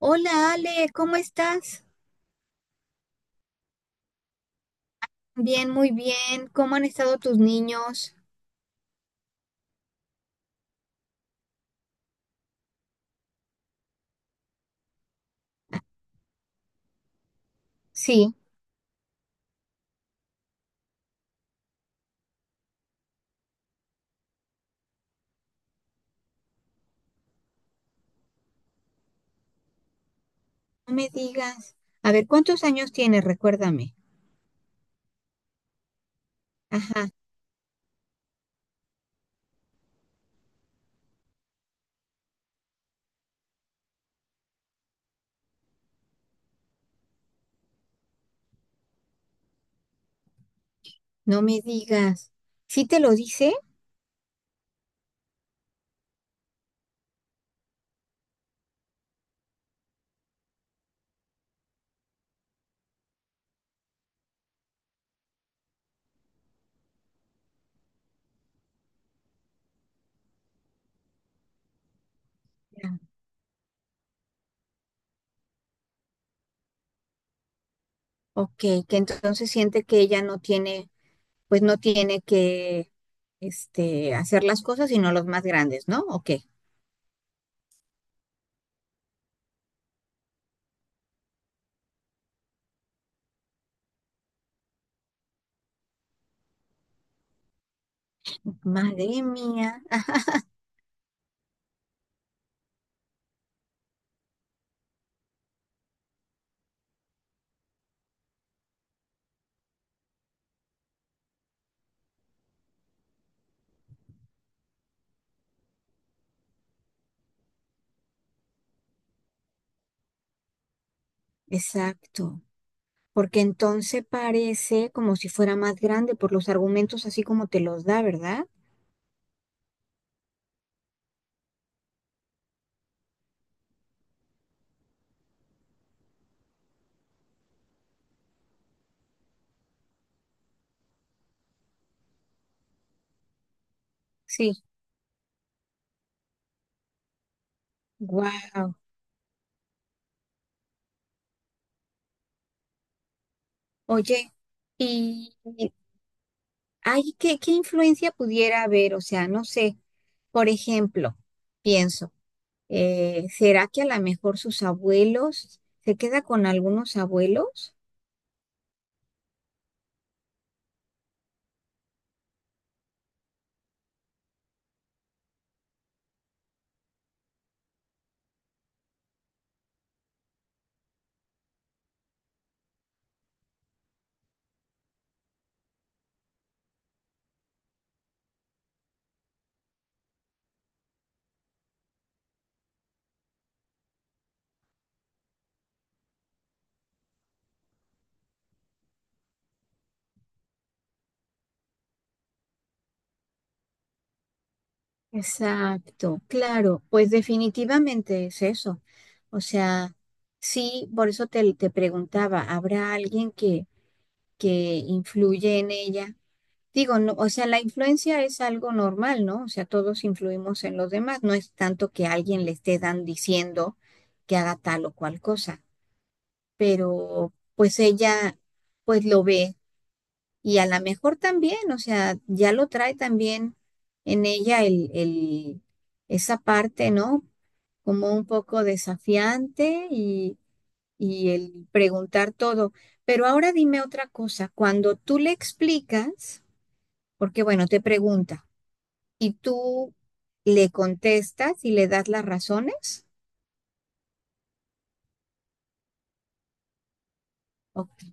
Hola Ale, ¿cómo estás? Bien, muy bien. ¿Cómo han estado tus niños? Sí, no me digas. A ver, ¿cuántos años tienes? Recuérdame. Ajá, no me digas. ¿Sí te lo dice? Ya. Ok, que entonces siente que ella no tiene, pues no tiene que, hacer las cosas sino los más grandes, ¿no? Ok. Madre mía. Ah, exacto. Porque entonces parece como si fuera más grande por los argumentos así como te los da, ¿verdad? Sí. Wow. Oye, y hay qué, qué influencia pudiera haber, o sea, no sé, por ejemplo, pienso, ¿será que a lo mejor sus abuelos se queda con algunos abuelos? Exacto, claro, pues definitivamente es eso. O sea, sí, por eso te, te preguntaba, ¿habrá alguien que influye en ella? Digo, no, o sea, la influencia es algo normal, ¿no? O sea, todos influimos en los demás, no es tanto que alguien le esté dan diciendo que haga tal o cual cosa, pero pues ella pues lo ve y a lo mejor también, o sea, ya lo trae también en ella esa parte, ¿no? Como un poco desafiante y el preguntar todo. Pero ahora dime otra cosa, cuando tú le explicas, porque bueno, te pregunta. Y tú le contestas y le das las razones. Ok.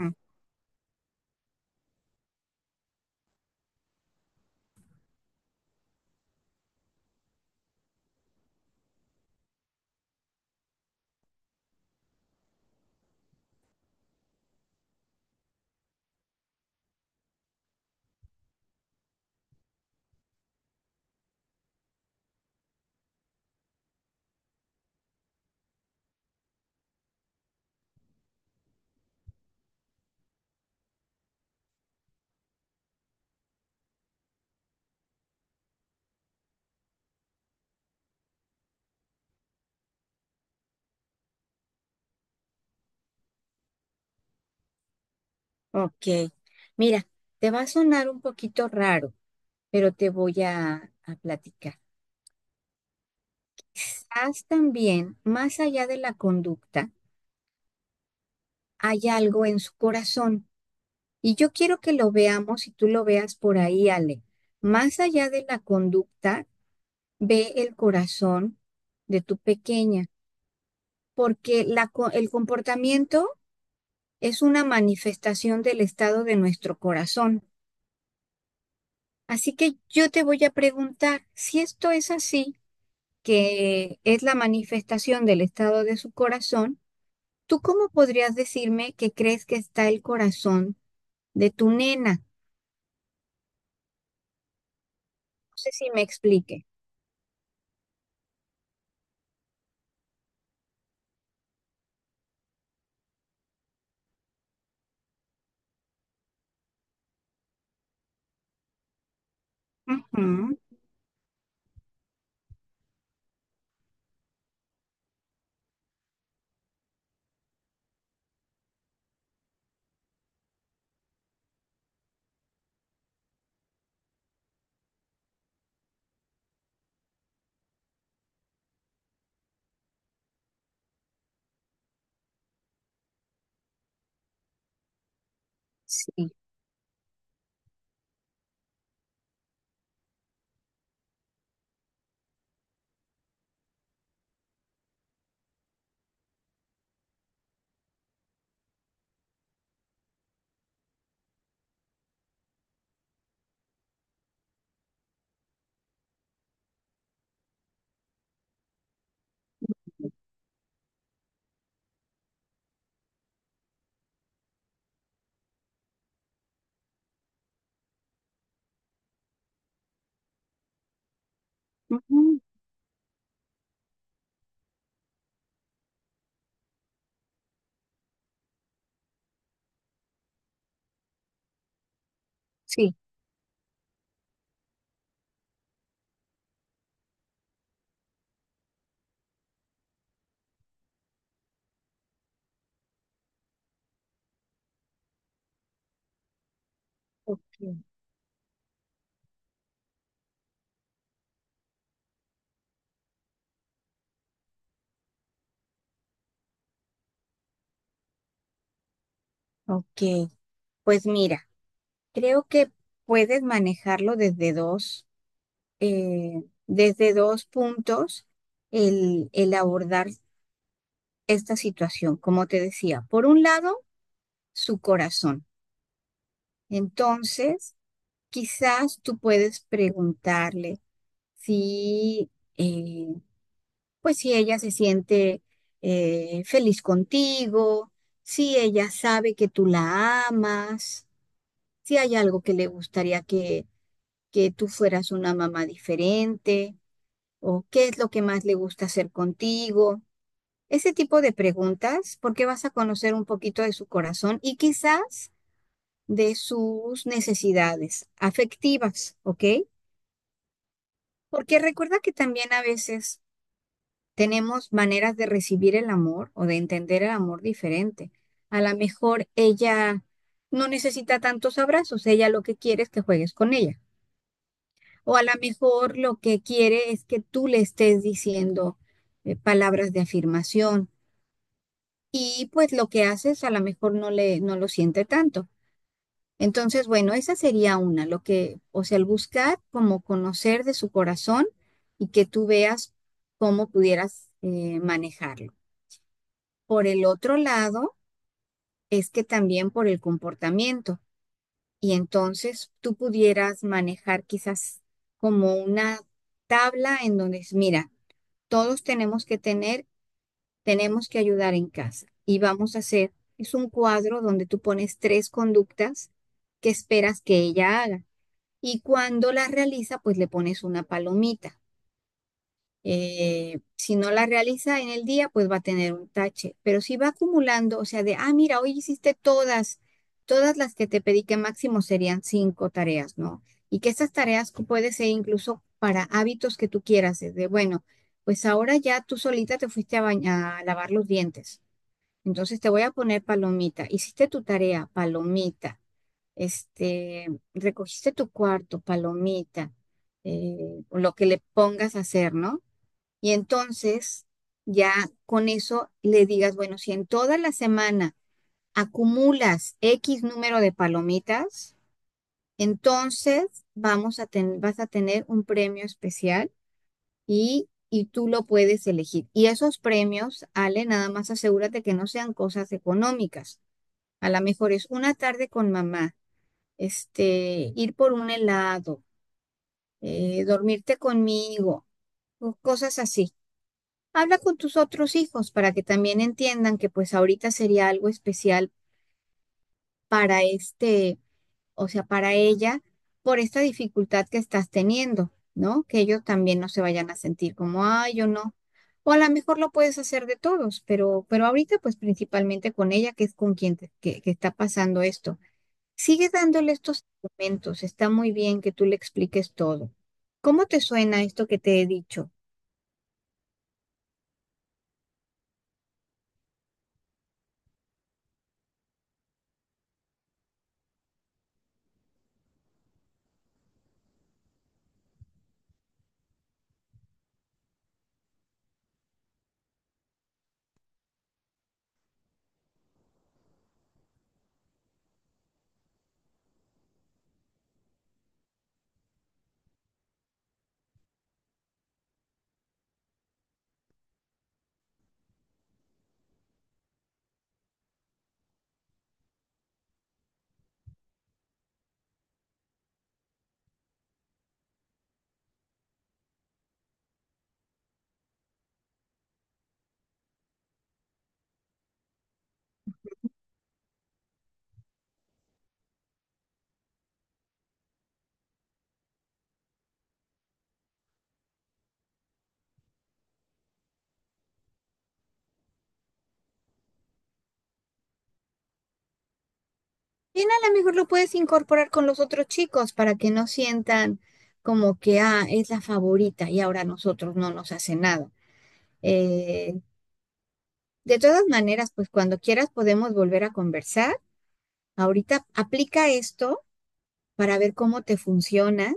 Mm, ok. Mira, te va a sonar un poquito raro, pero te voy a platicar. Quizás también, más allá de la conducta, hay algo en su corazón. Y yo quiero que lo veamos y tú lo veas por ahí, Ale. Más allá de la conducta, ve el corazón de tu pequeña, porque el comportamiento es una manifestación del estado de nuestro corazón. Así que yo te voy a preguntar, si esto es así, que es la manifestación del estado de su corazón, ¿tú cómo podrías decirme que crees que está el corazón de tu nena? No sé si me explique. Ujú, sí, ujú, sí. Ok, ok. Pues mira, creo que puedes manejarlo desde dos puntos el abordar esta situación, como te decía, por un lado, su corazón. Entonces, quizás tú puedes preguntarle si, eh, pues si ella se siente feliz contigo, si ella sabe que tú la amas, si hay algo que le gustaría que tú fueras una mamá diferente, o qué es lo que más le gusta hacer contigo. Ese tipo de preguntas, porque vas a conocer un poquito de su corazón y quizás de sus necesidades afectivas, ¿ok? Porque recuerda que también a veces tenemos maneras de recibir el amor o de entender el amor diferente. A lo mejor ella no necesita tantos abrazos, ella lo que quiere es que juegues con ella. O a lo mejor lo que quiere es que tú le estés diciendo palabras de afirmación y pues lo que haces a lo mejor no le no lo siente tanto. Entonces, bueno, esa sería una, lo que, o sea, el buscar como conocer de su corazón y que tú veas cómo pudieras manejarlo. Por el otro lado, es que también por el comportamiento y entonces tú pudieras manejar quizás como una tabla en donde es, mira, todos tenemos que tener, tenemos que ayudar en casa y vamos a hacer, es un cuadro donde tú pones tres conductas que esperas que ella haga. Y cuando la realiza, pues le pones una palomita. Si no la realiza en el día, pues va a tener un tache. Pero si va acumulando, o sea, de, ah, mira, hoy hiciste todas, todas las que te pedí, que máximo serían cinco tareas, ¿no? Y que estas tareas puede ser incluso para hábitos que tú quieras, desde, bueno, pues ahora ya tú solita te fuiste a, bañar, a lavar los dientes. Entonces te voy a poner palomita. Hiciste tu tarea, palomita este, recogiste tu cuarto, palomita, o lo que le pongas a hacer, ¿no? Y entonces ya con eso le digas, bueno, si en toda la semana acumulas X número de palomitas, entonces vas a tener un premio especial y tú lo puedes elegir. Y esos premios, Ale, nada más asegúrate que no sean cosas económicas. A lo mejor es una tarde con mamá ir por un helado, dormirte conmigo, o cosas así. Habla con tus otros hijos para que también entiendan que pues ahorita sería algo especial para o sea, para ella, por esta dificultad que estás teniendo, ¿no? Que ellos también no se vayan a sentir como, ay, yo no. O a lo mejor lo puedes hacer de todos, pero ahorita pues principalmente con ella, que es con que está pasando esto. Sigue dándole estos argumentos. Está muy bien que tú le expliques todo. ¿Cómo te suena esto que te he dicho? Bien, a lo mejor lo puedes incorporar con los otros chicos para que no sientan como que, ah, es la favorita y ahora a nosotros no nos hace nada. Eh, de todas maneras, pues cuando quieras podemos volver a conversar. Ahorita aplica esto para ver cómo te funciona.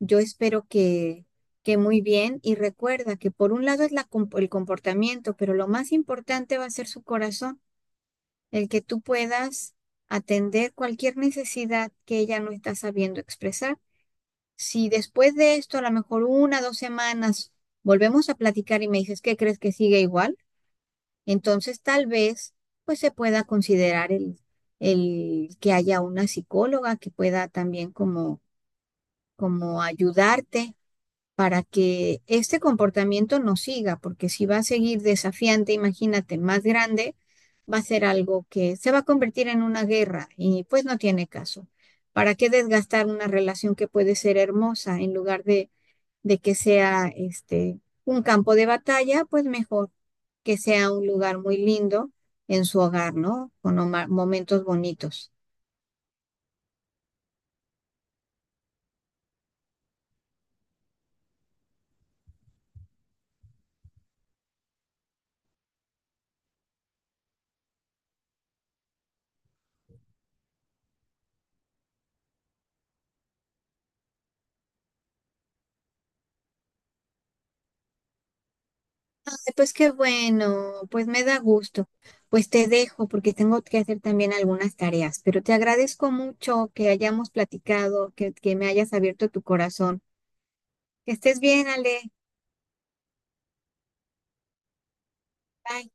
Yo espero que muy bien y recuerda que por un lado es el comportamiento, pero lo más importante va a ser su corazón, el que tú puedas atender cualquier necesidad que ella no está sabiendo expresar. Si después de esto, a lo mejor una, dos semanas, volvemos a platicar y me dices que crees que sigue igual, entonces tal vez pues se pueda considerar el que haya una psicóloga que pueda también como, como ayudarte para que este comportamiento no siga, porque si va a seguir desafiante, imagínate, más grande, va a ser algo que se va a convertir en una guerra y pues no tiene caso. ¿Para qué desgastar una relación que puede ser hermosa en lugar de que sea este un campo de batalla? Pues mejor que sea un lugar muy lindo en su hogar, ¿no? Con momentos bonitos. Ay, pues qué bueno, pues me da gusto. Pues te dejo porque tengo que hacer también algunas tareas, pero te agradezco mucho que hayamos platicado, que me hayas abierto tu corazón. Que estés bien, Ale. Bye.